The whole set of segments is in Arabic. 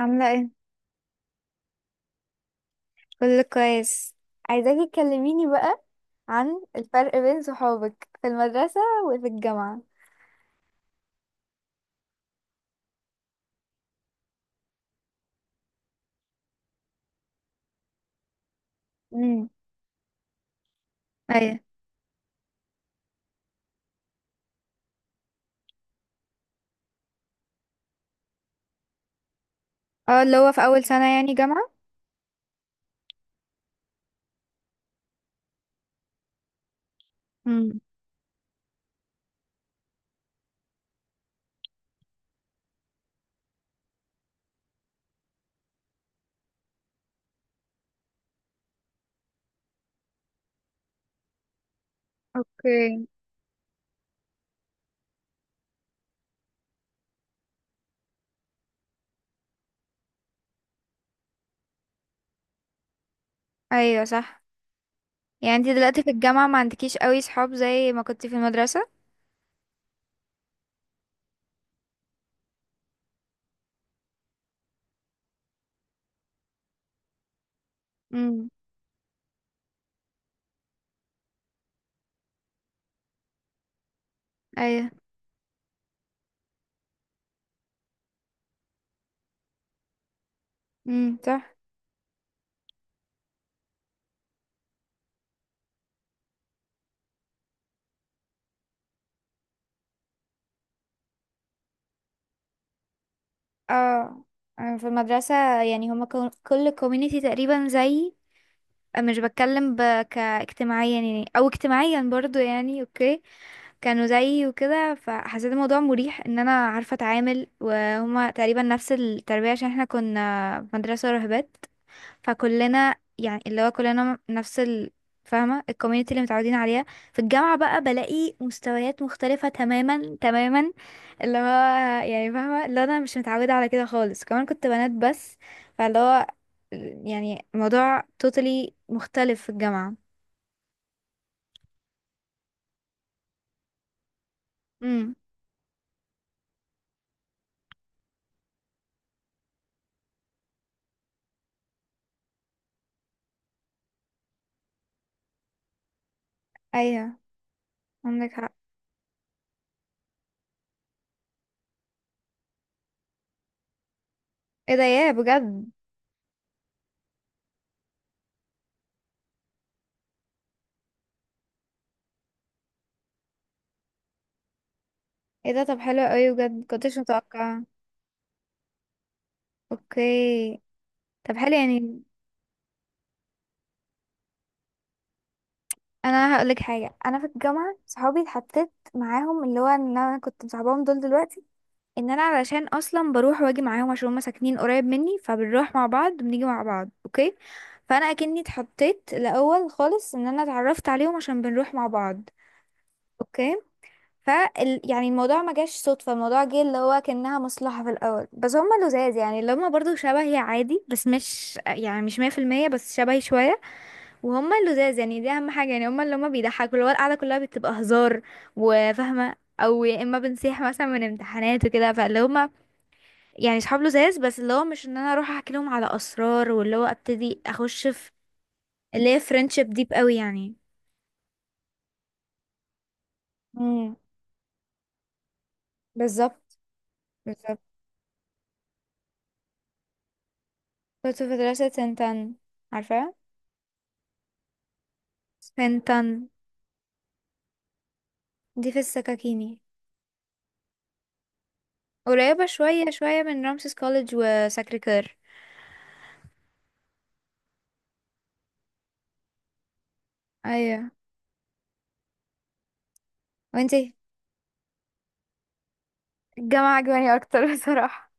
عاملة ايه؟ كله كويس. عايزاكي تكلميني بقى عن الفرق بين صحابك في المدرسة وفي الجامعة. امم. ايوه. اه اللي هو في أول سنة يعني جامعة. امم. اوكي. ايوه صح. يعني انتي دلوقتي في الجامعة ما عندكيش قوي صحاب زي ما كنتي في المدرسة؟ امم. ايوه. صح. اه أنا في المدرسة، يعني هما كل كوميونيتي تقريبا زي، مش بتكلم ب، كاجتماعيا يعني او اجتماعيا برضو يعني، اوكي كانوا زيي وكده، فحسيت الموضوع مريح ان انا عارفه اتعامل، وهما تقريبا نفس التربيه عشان احنا كنا في مدرسه راهبات، فكلنا يعني اللي هو كلنا نفس فاهمه الكوميونتي اللي متعودين عليها. في الجامعه بقى بلاقي مستويات مختلفه تماما تماما، اللي هو يعني فاهمه اللي انا مش متعوده على كده خالص، كمان كنت بنات بس، فاللي هو يعني الموضوع توتالي مختلف في الجامعه. امم. ايوه عندك حق. ايه ده ياه بجد. ايه ده طب حلو قوي بجد كنتش متوقعه. اوكي طب حلو يعني. انا هقولك حاجه، انا في الجامعه صحابي اتحطيت معاهم، اللي هو ان انا كنت مصاحباهم دول دلوقتي، ان انا علشان اصلا بروح واجي معاهم عشان هما ساكنين قريب مني، فبنروح مع بعض وبنيجي مع بعض، اوكي. فانا اكني اتحطيت الاول خالص ان انا اتعرفت عليهم عشان بنروح مع بعض. اوكي ف، يعني الموضوع ما جاش صدفة، الموضوع جه اللي هو كأنها مصلحة في الأول، بس هما لزاز يعني، اللي هما برضو شبهي عادي، بس مش يعني مش مية في المية، بس شبهي شوية. وهما لزاز يعني، دي أهم حاجة يعني، هما اللي هما بيضحكوا، اللي هو القعدة كلها بتبقى هزار، وفاهمة أو يا إما بنصيح مثلا من امتحانات وكده. فاللي هما يعني صحاب لزاز، بس اللي هو مش إن أنا أروح أحكي لهم على أسرار واللي هو أبتدي أخش في اللي هي فريندشيب ديب قوي يعني. امم بالظبط. بالظبط بالظبط. كنت في مدرسة سنتان، عارفة. سنتان دي في السكاكيني، قريبة شوية شوية من رامسيس كوليدج وساكريكير. ايوه. وانتي؟ الجامعة عجباني اكتر بصراحة.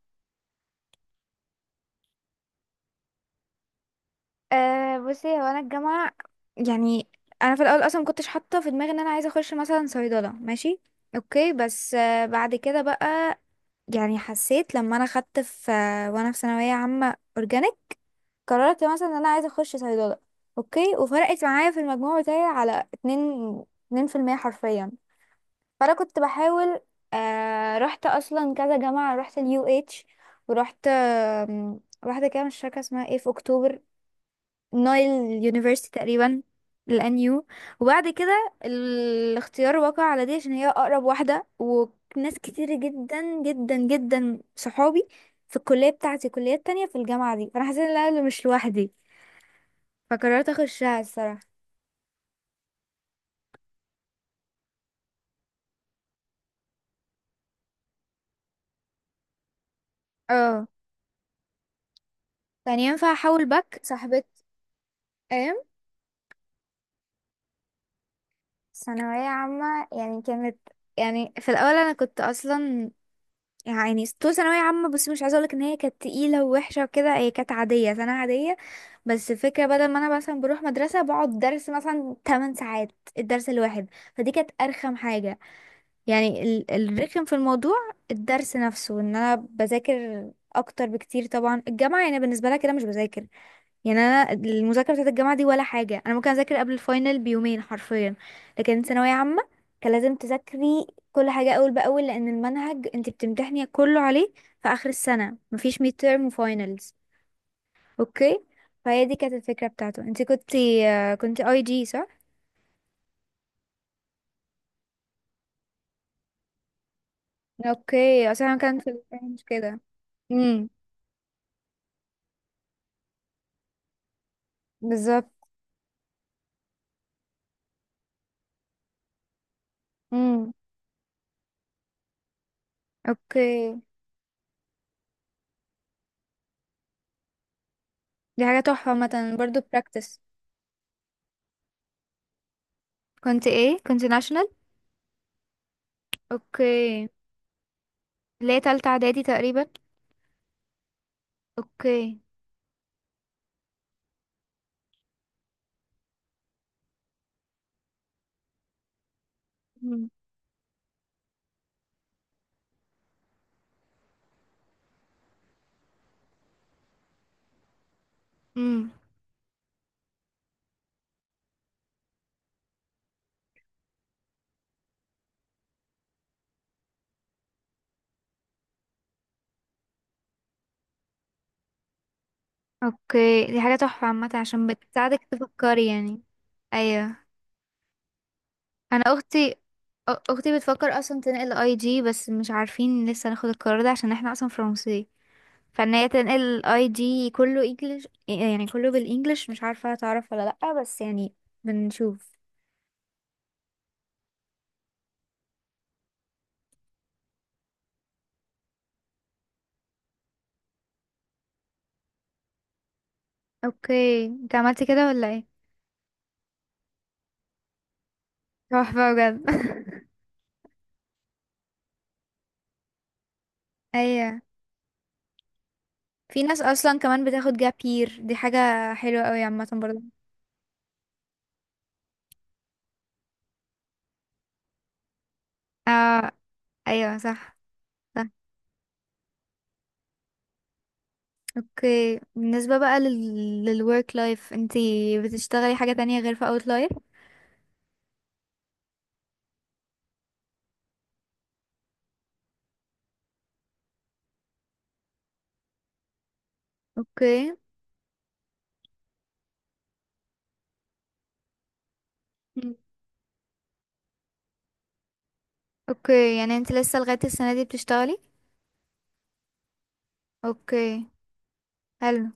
أه بصي، هو انا الجامعة، يعني انا في الاول اصلا مكنتش حاطة في دماغي ان انا عايزة اخش مثلا صيدلة، ماشي، اوكي، بس بعد كده بقى يعني حسيت لما انا خدت في وانا في ثانوية عامة اورجانيك، قررت مثلا ان انا عايزة اخش صيدلة. اوكي، وفرقت معايا في المجموع بتاعي على اتنين، اتنين في المية حرفيا. فانا كنت بحاول، آه رحت اصلا كذا جامعه، رحت اليو اتش، ورحت واحده كده مش فاكره اسمها ايه في اكتوبر، نايل يونيفرسيتي تقريبا، الان يو. وبعد كده الاختيار وقع على دي عشان هي اقرب واحده، وناس كتير جدا جدا جدا صحابي في الكليه بتاعتي كليات تانية في الجامعه دي، فانا حسيت ان انا مش لوحدي، فقررت اخشها الصراحه. اه. كان ينفع احاول باك صاحبتي. ثانوية عامة يعني كانت، يعني في الأول أنا كنت أصلا، يعني طول ثانوية عامة بس مش عايزة أقولك إن هي كانت تقيلة ووحشة وكده، هي كانت عادية سنة عادية. بس الفكرة بدل ما أنا مثلا بروح مدرسة بقعد درس مثلا 8 ساعات، الدرس الواحد، فدي كانت أرخم حاجة، يعني الرخم في الموضوع، الدرس نفسه، إن أنا بذاكر أكتر بكتير، طبعا الجامعة يعني بالنسبة لها كده مش بذاكر. يعني انا المذاكره بتاعت الجامعه دي ولا حاجه، انا ممكن اذاكر قبل الفاينل بيومين حرفيا. لكن ثانويه عامه كان لازم تذاكري كل حاجه اول باول، لان المنهج انت بتمتحني كله عليه في اخر السنه، مفيش ميد تيرم وفاينلز. اوكي. فهي دي كانت الفكره بتاعته. انت كنت كنت اي جي صح؟ اوكي، اصلا كان في الفرنش كده. امم. بالظبط. امم. اوكي. دي حاجه تحفه مثلا برضو براكتس. كنت ايه، كنت ناشونال؟ اوكي. اللي هي تالتة اعدادي تقريبا. اوكي. مم. مم. اوكي. دي حاجة تحفة عامة عشان بتساعدك تفكري يعني. ايوه. انا اختي، اختي بتفكر اصلا تنقل اي جي، بس مش عارفين لسه ناخد القرار ده عشان احنا اصلا فرنسي، فان هي تنقل اي جي كله انجلش يعني كله بالانجلش، مش عارفة هتعرف ولا لأ، بس يعني بنشوف. اوكي. انت عملتي كده ولا ايه؟ تحفة بجد. ايوه. في ناس اصلا كمان بتاخد جاب يير، دي حاجة حلوة قوي عامة برضه. اه. ايوه صح. اوكي، بالنسبة بقى للwork life، انتي بتشتغلي حاجة تانية غير في outlier؟ اوكي. مم. اوكي، يعني انت لسه لغاية السنة دي بتشتغلي. اوكي حلو.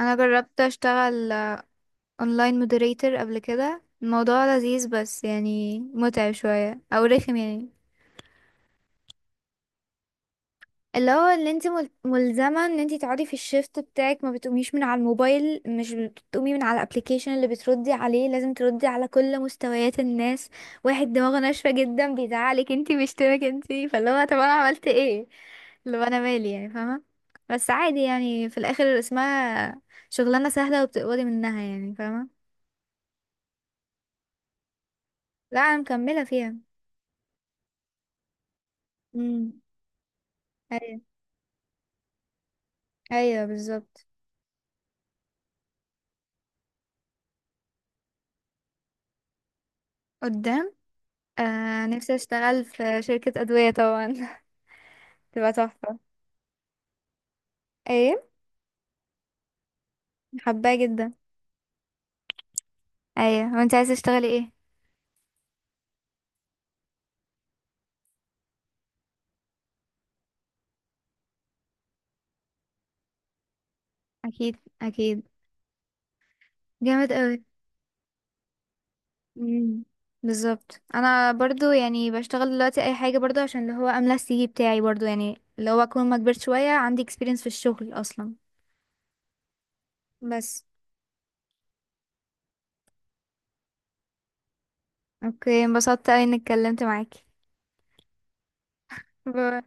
انا جربت اشتغل اونلاين مودريتور قبل كده، الموضوع لذيذ بس يعني متعب شوية او رخم يعني، اللي هو اللي انت ملزمة ان انت تقعدي في الشيفت بتاعك، ما بتقوميش من على الموبايل، مش بتقومي من على الابليكيشن، اللي بتردي عليه لازم تردي على كل مستويات الناس، واحد دماغه ناشفة جدا بيزعلك انت، بيشتمك انت، فاللي هو طب انا عملت ايه، اللي هو انا مالي يعني فاهمة. بس عادي يعني، في الاخر اسمها شغلانة سهلة وبتقبضي منها يعني فاهمة. لا انا مكملة فيها. امم. ايوه. ايوه بالظبط. قدام، آه نفسي اشتغل في شركة ادوية طبعا تبقى تحفة. ايه حباه جدا. ايوه، وانت عايزه تشتغلي ايه؟ اكيد اكيد، جامد قوي. امم بالظبط. انا برضو يعني بشتغل دلوقتي اي حاجه برضو عشان اللي هو املى السي في بتاعي برضو، يعني اللي هو اكون ما كبرت شويه عندي experience في الشغل اصلا. بس. اوكي انبسطت اوي اني اتكلمت معاكي. باي.